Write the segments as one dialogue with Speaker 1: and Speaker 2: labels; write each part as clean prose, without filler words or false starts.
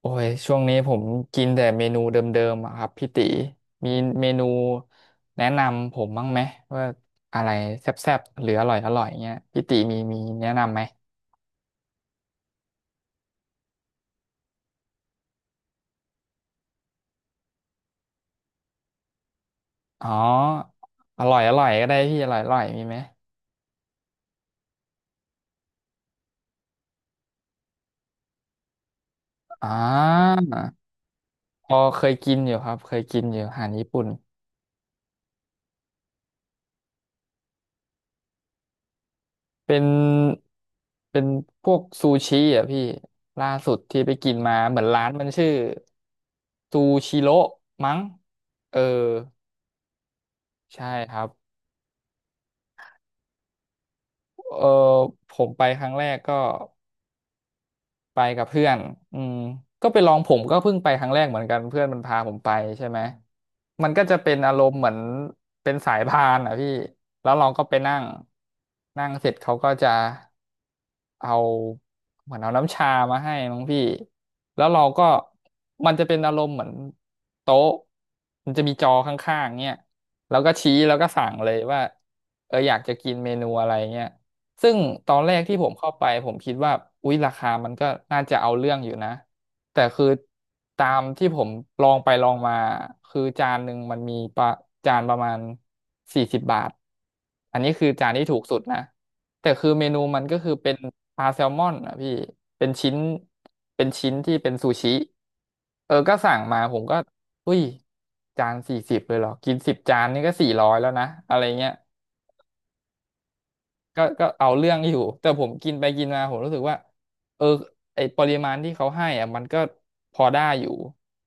Speaker 1: โอ้ยช่วงนี้ผมกินแต่เมนูเดิมๆอะครับพี่ติมีเมนูแนะนำผมบ้างไหมว่าอะไรแซ่บๆหรืออร่อยอร่อยเงี้ยพี่ติมีแนะนำไหมอ๋ออร่อยอร่อยก็ได้พี่อร่อยอร่อยมีไหมอ่าพอเคยกินอยู่ครับเคยกินอยู่อาหารญี่ปุ่นเป็นเป็นพวกซูชิอ่ะพี่ล่าสุดที่ไปกินมาเหมือนร้านมันชื่อซูชิโร่มั้งเออใช่ครับ เออผมไปครั้งแรกก็ไปกับเพื่อนอืมก็ไปลองผมก็เพิ่งไปครั้งแรกเหมือนกันเพื่อนมันพาผมไปใช่ไหมมันก็จะเป็นอารมณ์เหมือนเป็นสายพานอ่ะพี่แล้วเราก็ไปนั่งนั่งเสร็จเขาก็จะเอาเหมือนเอาน้ำชามาให้น้องพี่แล้วเราก็มันจะเป็นอารมณ์เหมือนโต๊ะมันจะมีจอข้างๆเนี่ยแล้วก็ชี้แล้วก็สั่งเลยว่าเอออยากจะกินเมนูอะไรเงี้ย ซึ่งตอนแรกที่ผมเข้าไปผมคิดว่าอุ๊ยราคามันก็น่าจะเอาเรื่องอยู่นะแต่คือตามที่ผมลองไปลองมาคือจานหนึ่งมันมีประจานประมาณ40 บาทอันนี้คือจานที่ถูกสุดนะแต่คือเมนูมันก็คือเป็นปลาแซลมอนอ่ะพี่เป็นชิ้นเป็นชิ้นที่เป็นซูชิเออก็สั่งมาผมก็อุ้ยจานสี่สิบเลยเหรอกิน10 จานนี่ก็400แล้วนะอะไรเงี้ย ก็เอาเรื่องอยู่แต่ผมกินไปกินมาผมรู้สึกว่าเออไอปริมาณที่เขาให้อ่ะมันก็พอได้อยู่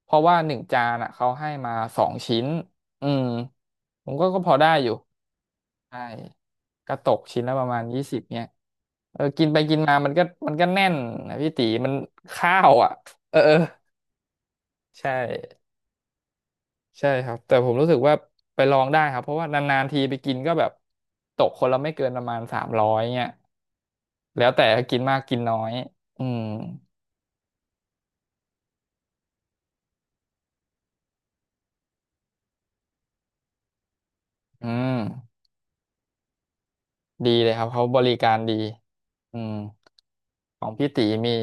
Speaker 1: เพราะว่าหนึ่งจานอ่ะเขาให้มาสองชิ้นอืมผมก็พอได้อยู่ใช่ก็ตกชิ้นละประมาณ20เนี่ยเออกินไปกินมามันก็แน่นนะพี่ตีมันข้าวอ่ะเออเออใช่ใช่ครับแต่ผมรู้สึกว่าไปลองได้ครับเพราะว่านานๆทีไปกินก็แบบตกคนละไม่เกินประมาณ300เนี่ย แล้วแต่กินมากกินน้อยอืมอืมดีเลยครับเขาบริการดีอืมของพี่ตีมี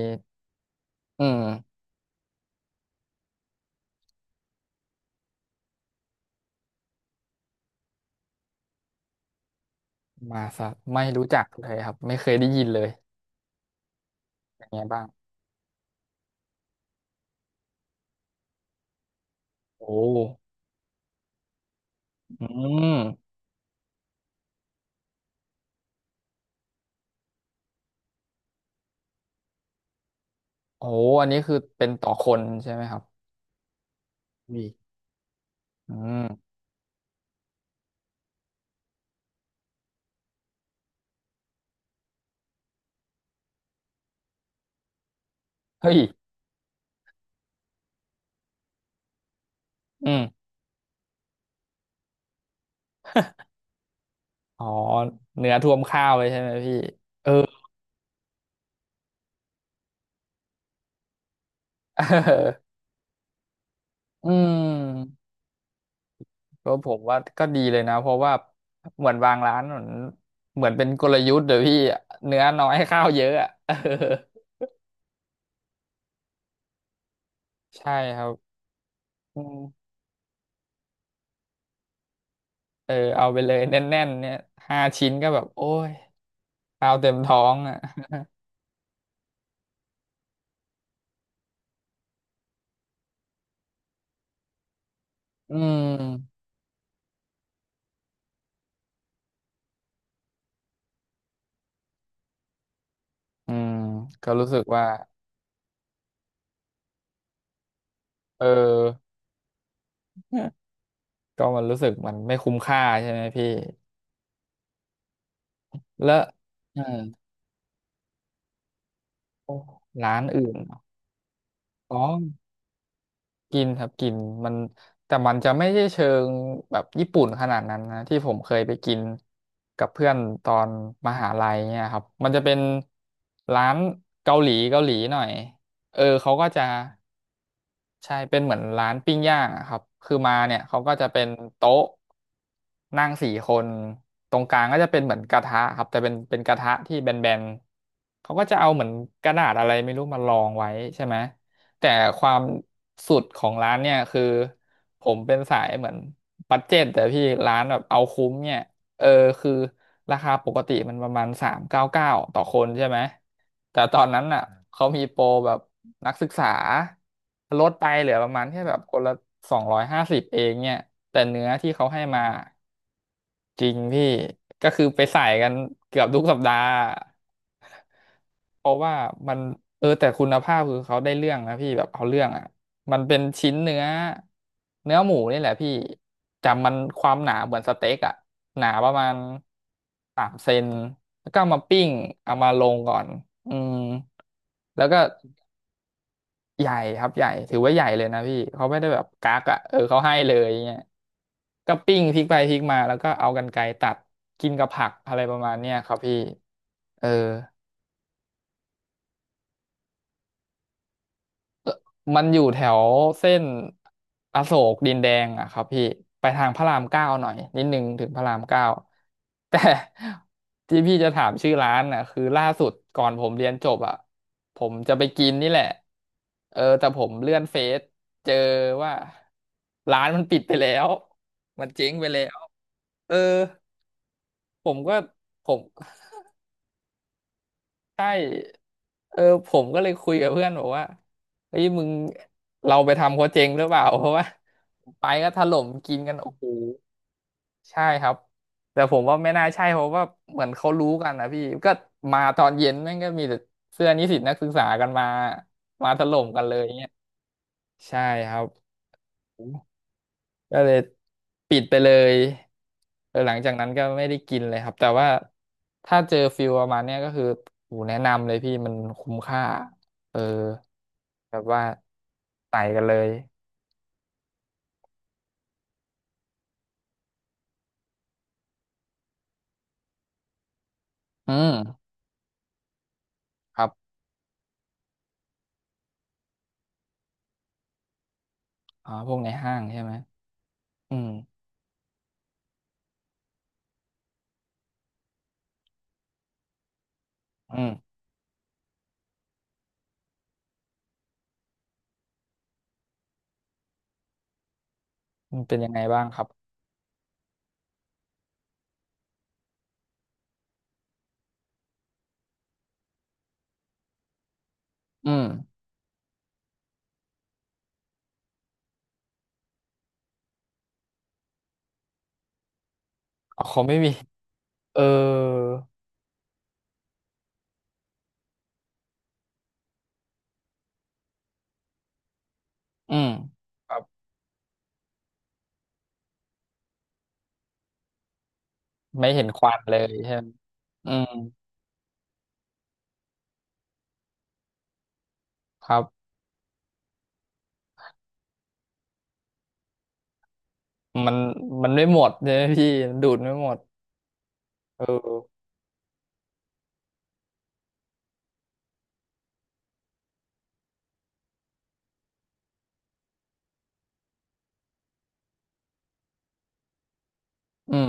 Speaker 1: อืมมาสัตว์ไม่รู้จักเลยครับไม่เคยได้ยินเลยอย่างเงี้ยบ้างโอ้อืมโอ้อันนี้คือเป็นต่อคนใช่ไหมครับวีอืมเฮ้ยอืมอ๋อเนื้อท่วมข้าวเลยใช่ไหมพี่เออ อืม ก็ผมว่าก็ดีเลยนะเพราะว่าเหมือนบางร้านเหมือนเหมือนเป็นกลยุทธ์เดี๋ยวพี่เนื้อน้อยข้าวเยอะอะ เออใช่ครับอืมเออเอาไปเลยแน่นๆเนี่ยห้าชิ้นก็แบบโอ้ยข้าวเต็มท้องอ่ะอืมอืมก็รู้สึกว่าเออก็มันรู้สึกมันไม่คุ้มค่าใช่ไหมพี่แล้วเออร้านอื่นเหรออ๋อ กินครับกินมันแต่มันจะไม่ใช่เชิงแบบญี่ปุ่นขนาดนั้นนะที่ผมเคยไปกินกับเพื่อนตอนมหาลัยเนี่ยครับมันจะเป็นร้านเกาหลีเกาหลีหน่อยเออเขาก็จะ ใช่เป็นเหมือนร้านปิ้งย่างอะครับคือมาเนี่ยเขาก็จะเป็นโต๊ะนั่งสี่คนตรงกลางก็จะเป็นเหมือนกระทะครับแต่เป็นกระทะที่แบนๆเขาก็จะเอาเหมือนกระดาษอะไรไม่รู้มารองไว้ใช่ไหมแต่ความสุดของร้านเนี่ยคือผมเป็นสายเหมือนบัดเจ็ตแต่พี่ร้านแบบเอาคุ้มเนี่ยเออคือราคาปกติมันประมาณ399ต่อคนใช่ไหมแต่ตอนนั้นอ่ะเขามีโปรแบบ นักศึกษาลดไปเหลือประมาณแค่แบบคนละ250เองเนี่ยแต่เนื้อที่เขาให้มาจริงพี่ก็คือไปใส่กันเกือบทุกสัปดาห์เพราะว่ามันเออแต่คุณภาพคือเขาได้เรื่องนะพี่แบบเอาเรื่องอ่ะมันเป็นชิ้นเนื้อเนื้อหมูนี่แหละพี่จำมันความหนาเหมือนสเต็กอ่ะหนาประมาณ3 เซนแล้วก็เอามาปิ้งเอามาลงก่อนอืมแล้วก็ ใหญ่ครับใหญ่ถือว่าใหญ่เลยนะพี่เขาไม่ได้แบบกักอ่ะเออเขาให้เลยเงี้ยก็ปิ้งพลิกไปพลิกมาแล้วก็เอากรรไกรตัดกินกับผักอะไรประมาณเนี้ยครับพี่เออ มันอยู่แถวเส้นอโศกดินแดงอะครับพี่ไปทางพระรามเก้าหน่อยนิดนึงถึงพระรามเก้า แต่ ที่พี่จะถามชื่อร้านน่ะคือล่าสุดก่อนผมเรียนจบอะผมจะไปกินนี่แหละเออแต่ผมเลื่อนเฟซเจอว่าร้านมันปิดไปแล้วมันเจ๊งไปแล้วเออผมก็ผม ใช่เออผมก็เลยคุยกับเพื่อนบอกว่าเฮ้ยมึงเราไปทำเขาเจ๊งหรือเปล่าเพราะว่าไปก็ถล่มกินกันโอ้โหใช่ครับ แต่ผมว่าไม่น่าใช่เพราะว่าเหมือนเขารู้กันนะพี่ ก็มาตอนเย็นแม่งก็มีแต่เสื้อนิสิตนักศึกษากันมา มาถล่มกันเลยเงี้ยใช่ครับ ก็เลยปิดไปเลยเออหลังจากนั้นก็ไม่ได้กินเลยครับแต่ว่าถ้าเจอฟิลประมาณเนี้ยก็คือโหแนะนำเลยพี่มันคุ้มค่าเออแบบว่าไต่กันเลยอืมครับอ๋อพวกในห้างใช่ไหมอืมอืมมันเป็นยังไงบ้างครับอืมอ๋อเขาไม่มีเอออืมครับไม่เห็นควันเลยใช่ไหมอืมครับมันมันไม่หมดใช่ไหมพี่มันดูดไม่หมดเอออืม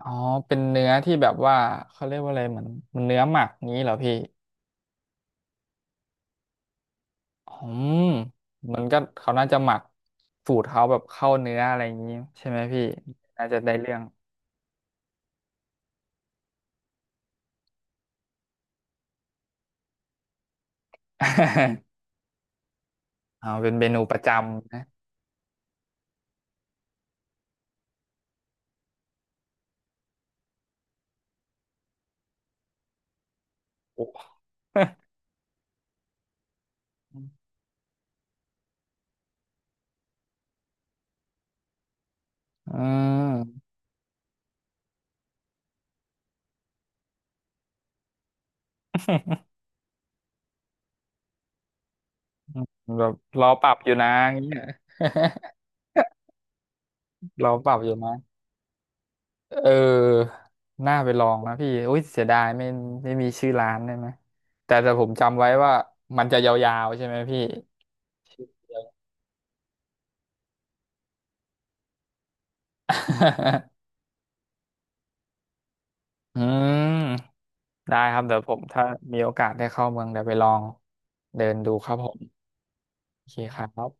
Speaker 1: อ๋อเป็นเนื้อที่แบบว่าเขาเรียกว่าอะไรเหมือนมันเนื้อหมักงี้เหรอพี่อืมมันก็เขาน่าจะหมักสูตรเขาแบบเข้าเนื้ออะไรอย่างงี้ใช่ไหมพี่น่าจะได้เรื่อง เอาเป็นเมนูประจำนะโอ้ อืมแบบรอปรับอยู่นะอย่างเงี้ย รอปรับอยู่นะเออน่าไปลองนะพี่อุ้ยเสียดายไม่มีชื่อร้านได้ไหมแต่ผมจำไว้ว่ามันจะยาวๆใช่ไหมพี่ อืมได้ครับเดี๋ยวผมถ้ามีโอกาสได้เข้าเมืองเดี๋ยวไปลองเดินดูครับผมโอเคครับ